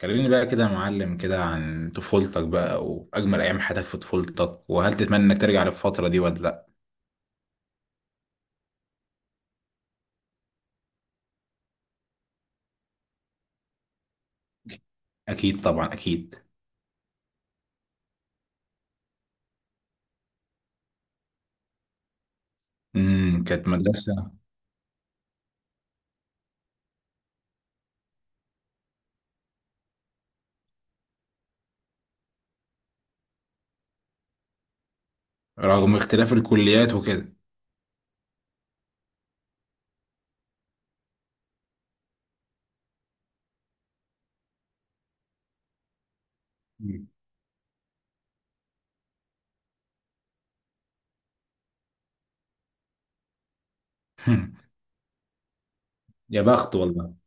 كلميني بقى كده يا معلم كده عن طفولتك بقى وأجمل أيام حياتك في طفولتك، وهل تتمنى إنك ترجع للفترة دي ولا لأ؟ أكيد طبعا أكيد. كانت مدرسة رغم اختلاف الكليات وكده. مم. يا بخت والله.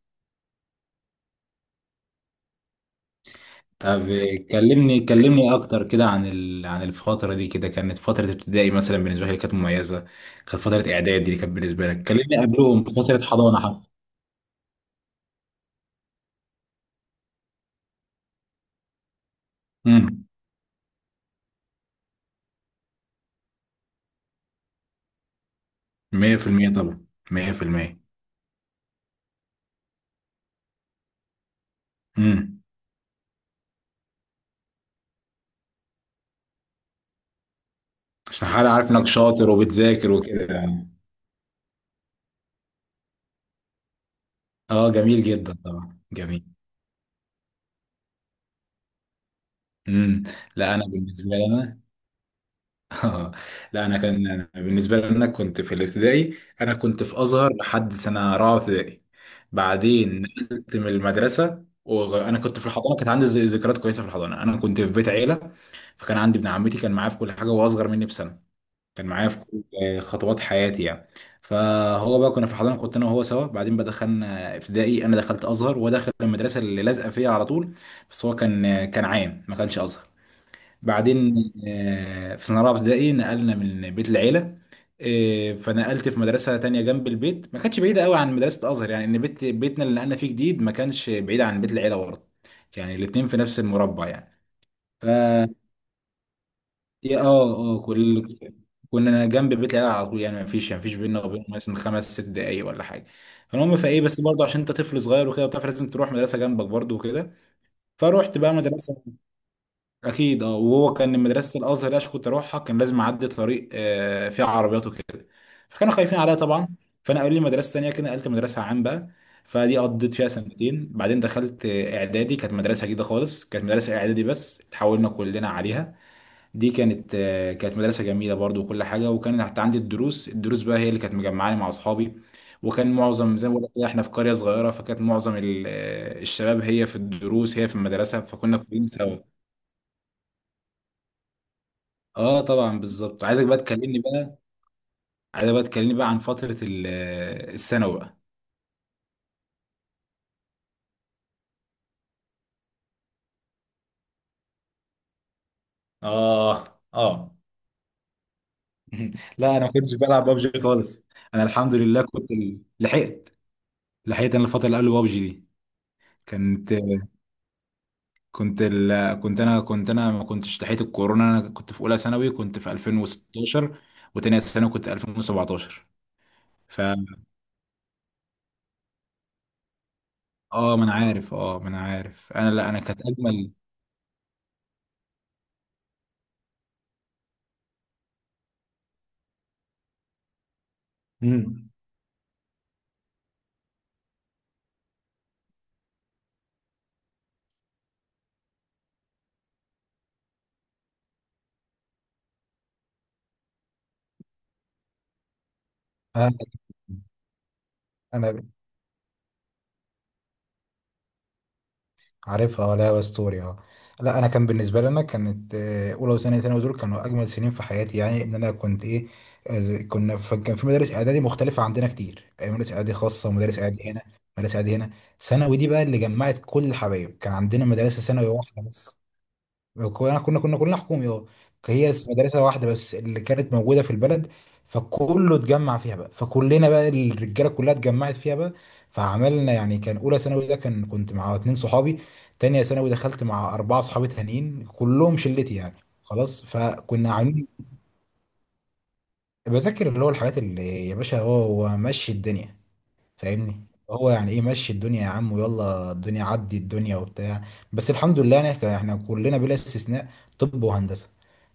طب، كلمني أكتر كده عن عن الفترة دي. كده كانت فترة ابتدائي، مثلا بالنسبة لي كانت مميزة. كانت فترة إعدادي دي كانت بالنسبة لك. كلمني قبلهم فترة حضانة حتى. امم 100% طبعا، 100%. امم عشان حد عارف انك شاطر وبتذاكر وكده يعني. اه جميل جدا طبعا جميل. امم لا، انا بالنسبه لي انا. اه. لا انا كان أنا بالنسبه لي انا كنت في الابتدائي، انا كنت في ازهر لحد سنه رابعه ابتدائي. بعدين نقلت من المدرسه، وانا كنت في الحضانه كانت عندي ذكريات كويسه في الحضانه. انا كنت في بيت عيله، فكان عندي ابن عمتي كان معايا في كل حاجه، وهو اصغر مني بسنه، كان معايا في كل خطوات حياتي يعني. فهو بقى كنا في الحضانه كنت انا وهو سوا، بعدين بقى دخلنا ابتدائي. انا دخلت ازهر وهو دخل المدرسه اللي لازقه فيها على طول، بس هو كان عام ما كانش ازهر. بعدين في سنه رابعه ابتدائي نقلنا من بيت العيله. فنقلت في مدرسه تانية جنب البيت، ما كانتش بعيده قوي عن مدرسه ازهر، يعني ان بيتنا اللي نقلنا فيه جديد ما كانش بعيد عن بيت العيله برضه. يعني الاتنين في نفس المربع يعني. ف يا اه اه كل كنا جنب بيت العيله على طول، يعني ما فيش بينا وبين مثلا خمس ست دقايق ولا حاجه. فالمهم، فايه بس برضه عشان انت طفل صغير وكده وبتاع لازم تروح مدرسه جنبك برضه وكده. فروحت بقى مدرسه. اكيد اه. وهو كان مدرسه الازهر اللي أنا كنت اروحها كان لازم اعدي طريق فيه عربيات وكده. فكانوا خايفين عليا طبعا. فانا قالوا لي مدرسه ثانيه كده، نقلت مدرسه عام بقى. فدي قضيت فيها سنتين، بعدين دخلت اعدادي. كانت مدرسه جديده خالص، كانت مدرسه اعدادي بس اتحولنا كلنا عليها. دي كانت مدرسة جميلة برضو وكل حاجة. وكان حتى عندي الدروس، بقى هي اللي كانت مجمعاني مع أصحابي. وكان معظم زي ما بقول لك كده احنا في قرية صغيرة، فكانت معظم الشباب هي في الدروس هي في المدرسة، فكنا كلنا سوا. اه طبعا بالظبط. عايزك بقى تكلمني بقى. عايزك بقى تكلمني بقى عن فترة الثانوي بقى. اه. اه. لا انا ما كنتش بلعب بابجي خالص. انا الحمد لله كنت لحقت، لحقت انا الفترة اللي قبل بابجي دي. كانت كنت ال... كنت انا كنت انا ما كنتش لحقت الكورونا. انا كنت في اولى ثانوي كنت في 2016، وتانية ثانوي كنت 2017. ف اه ما انا عارف، اه ما انا عارف. انا، لا انا كانت اجمل. امم. عارفها ولا اسطوري اه. لا انا كان بالنسبه لي انا كانت اولى وثانيه ثانوي دول كانوا اجمل سنين في حياتي يعني. ان انا كنت ايه، كان في مدارس اعدادي مختلفه عندنا كتير. مدارس اعدادي خاصه ومدارس اعدادي هنا، مدارس اعدادي هنا ثانوي دي بقى اللي جمعت كل الحبايب. كان عندنا مدرسه ثانوي واحده بس. كنا كلنا حكومي اه. هي مم. بس مدرسة واحدة بس اللي كانت موجودة في البلد. فكله اتجمع فيها بقى، فكلنا بقى الرجالة كلها اتجمعت فيها بقى. فعملنا يعني، كان أولى ثانوي ده كنت مع اتنين صحابي. تانية ثانوي دخلت مع أربعة صحابي تانيين كلهم شلتي يعني. خلاص. فكنا عاملين. بذاكر اللي هو الحاجات اللي يا باشا، هو ماشي الدنيا، فاهمني. هو يعني ايه مشي الدنيا يا عم، ويلا الدنيا عدي الدنيا وبتاع. بس الحمد لله انا احنا كلنا بلا استثناء طب وهندسه،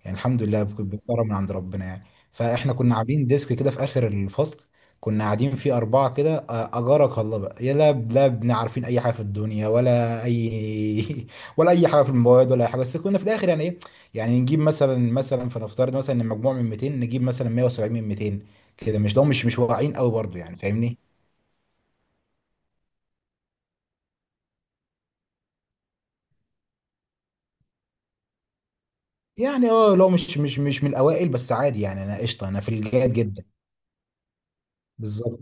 يعني الحمد لله بكرم من عند ربنا يعني. فاحنا كنا عاملين ديسك كده في اخر الفصل، كنا قاعدين فيه اربعه كده. اجارك الله بقى يا، لا لا بن عارفين اي حاجه في الدنيا ولا اي ولا اي حاجه في المواد ولا اي حاجه. بس كنا في الاخر يعني ايه، يعني نجيب مثلا، فنفترض مثلا ان المجموع من 200 نجيب مثلا 170 من 200 كده، مش ده مش واقعين قوي برضو يعني فاهمني. يعني اه لو مش من الاوائل بس عادي يعني، انا قشطه انا في الجيد جدا. بالظبط.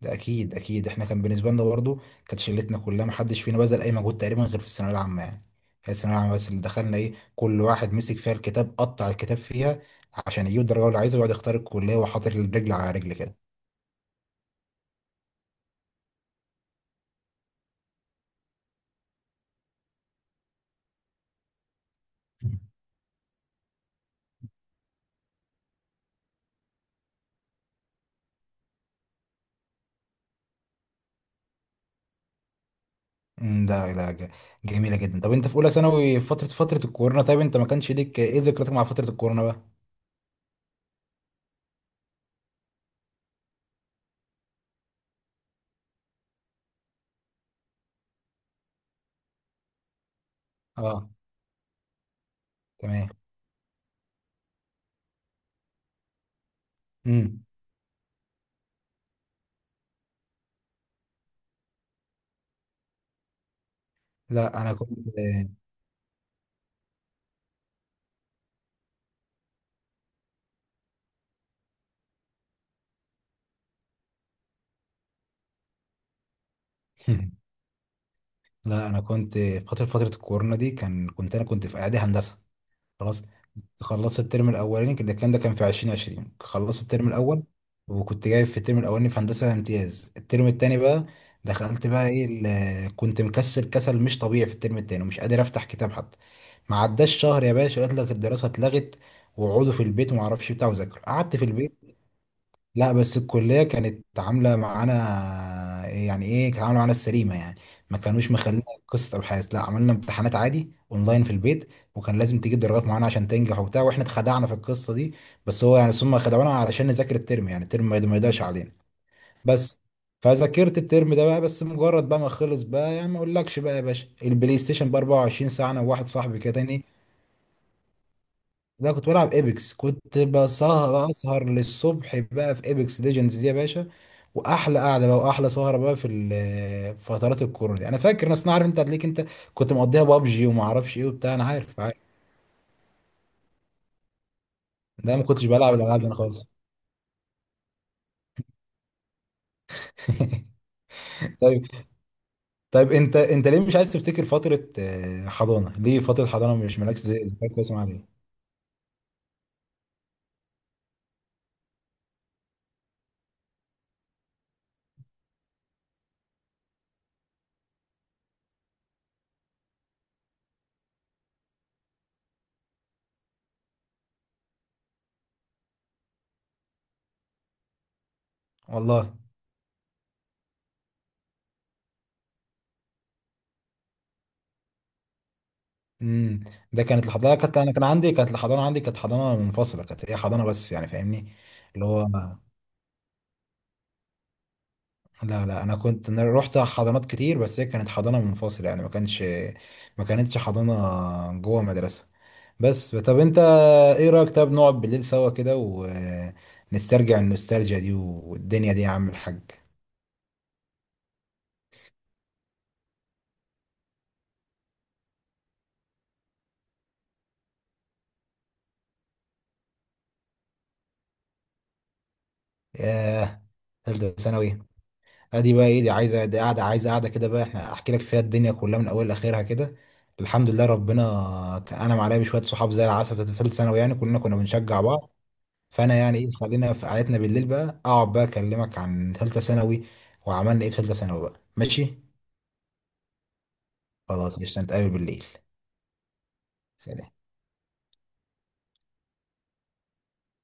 ده اكيد اكيد، احنا كان بالنسبه لنا برضو كانت شلتنا كلها ما حدش فينا بذل اي مجهود تقريبا غير في الثانويه العامه يعني. هي الثانويه العامه بس اللي دخلنا ايه، كل واحد مسك فيها الكتاب قطع الكتاب فيها عشان يجيب الدرجه اللي عايزها، ويقعد يختار الكليه وحاطط الرجل على رجل كده. امم، ده ده ج- جميله جدا. طب انت في اولى ثانوي فتره، الكورونا. طيب انت ما كانش ليك ايه ذكرياتك مع فتره الكورونا بقى. اه تمام. امم. لا انا كنت. لا انا كنت في فتره، الكورونا دي كان كنت انا كنت في اعدادي هندسه. خلاص. خلصت الترم الاولاني كده، كان ده كان في 2020 خلصت الترم الاول، وكنت جايب في الترم الاولاني في هندسه امتياز. الترم التاني بقى دخلت بقى ايه، كنت مكسل كسل مش طبيعي في الترم التاني، ومش قادر افتح كتاب حتى. ما عداش شهر يا باشا قلت لك الدراسه اتلغت، وقعدوا في البيت وما اعرفش بتاع وذاكر قعدت في البيت. لا بس الكلية كانت عاملة معانا يعني ايه، كانت عاملة معانا السليمة يعني، ما كانوش مخلينا قصة أبحاث، لا عملنا امتحانات عادي اونلاين في البيت. وكان لازم تجيب درجات معانا عشان تنجح وبتاع، واحنا اتخدعنا في القصة دي. بس هو يعني ثم خدعونا علشان نذاكر الترم، يعني الترم ما يضيعش علينا بس. فذاكرت الترم ده بقى، بس مجرد بقى ما خلص بقى يعني ما اقولكش بقى يا باشا البلاي ستيشن ب 24 ساعة انا وواحد صاحبي كده. لا كنت بلعب ايبكس، كنت بسهر بقى اسهر للصبح بقى في ايبكس ليجندز دي يا باشا. واحلى قعده بقى واحلى سهره بقى في في فترات الكورونا دي. انا فاكر ناس، أنا عارف انت هتلاقيك انت كنت مقضيها بابجي وما اعرفش ايه وبتاع، انا عارف عارف. ده ما كنتش بلعب الالعاب دي انا خالص. طيب. طيب، انت ليه مش عايز تفتكر فتره حضانه؟ ليه فتره حضانه مش مالكش ذكريات كويسه معاها ليه؟ والله. امم. ده كانت الحضانه، كانت انا كان عندي كانت الحضانه عندي كانت حضانه منفصله، كانت هي حضانه بس يعني فاهمني. اللي هو لا لا انا كنت رحت حضانات كتير بس هي كانت حضانه منفصله يعني ما كانش، ما كانتش حضانه جوه مدرسه. بس طب انت، ايه رايك طب نقعد بالليل سوا كده ونسترجع النوستالجيا دي والدنيا دي يا عم الحاج. ياه، ثالثه ثانوي. ادي بقى ايه، دي عايزه دي قاعده عايزه قاعده كده بقى، احنا احكي لك فيها الدنيا كلها من اول لاخرها كده. الحمد لله ربنا انعم عليا بشويه صحاب زي العسل في ثالثه ثانوي يعني، كلنا كنا بنشجع بعض. فانا يعني ايه، خلينا في قعدتنا بالليل بقى، اقعد بقى اكلمك عن ثالثه ثانوي وعملنا ايه في ثالثه ثانوي بقى ماشي. خلاص قشطه، نتقابل بالليل. سلام.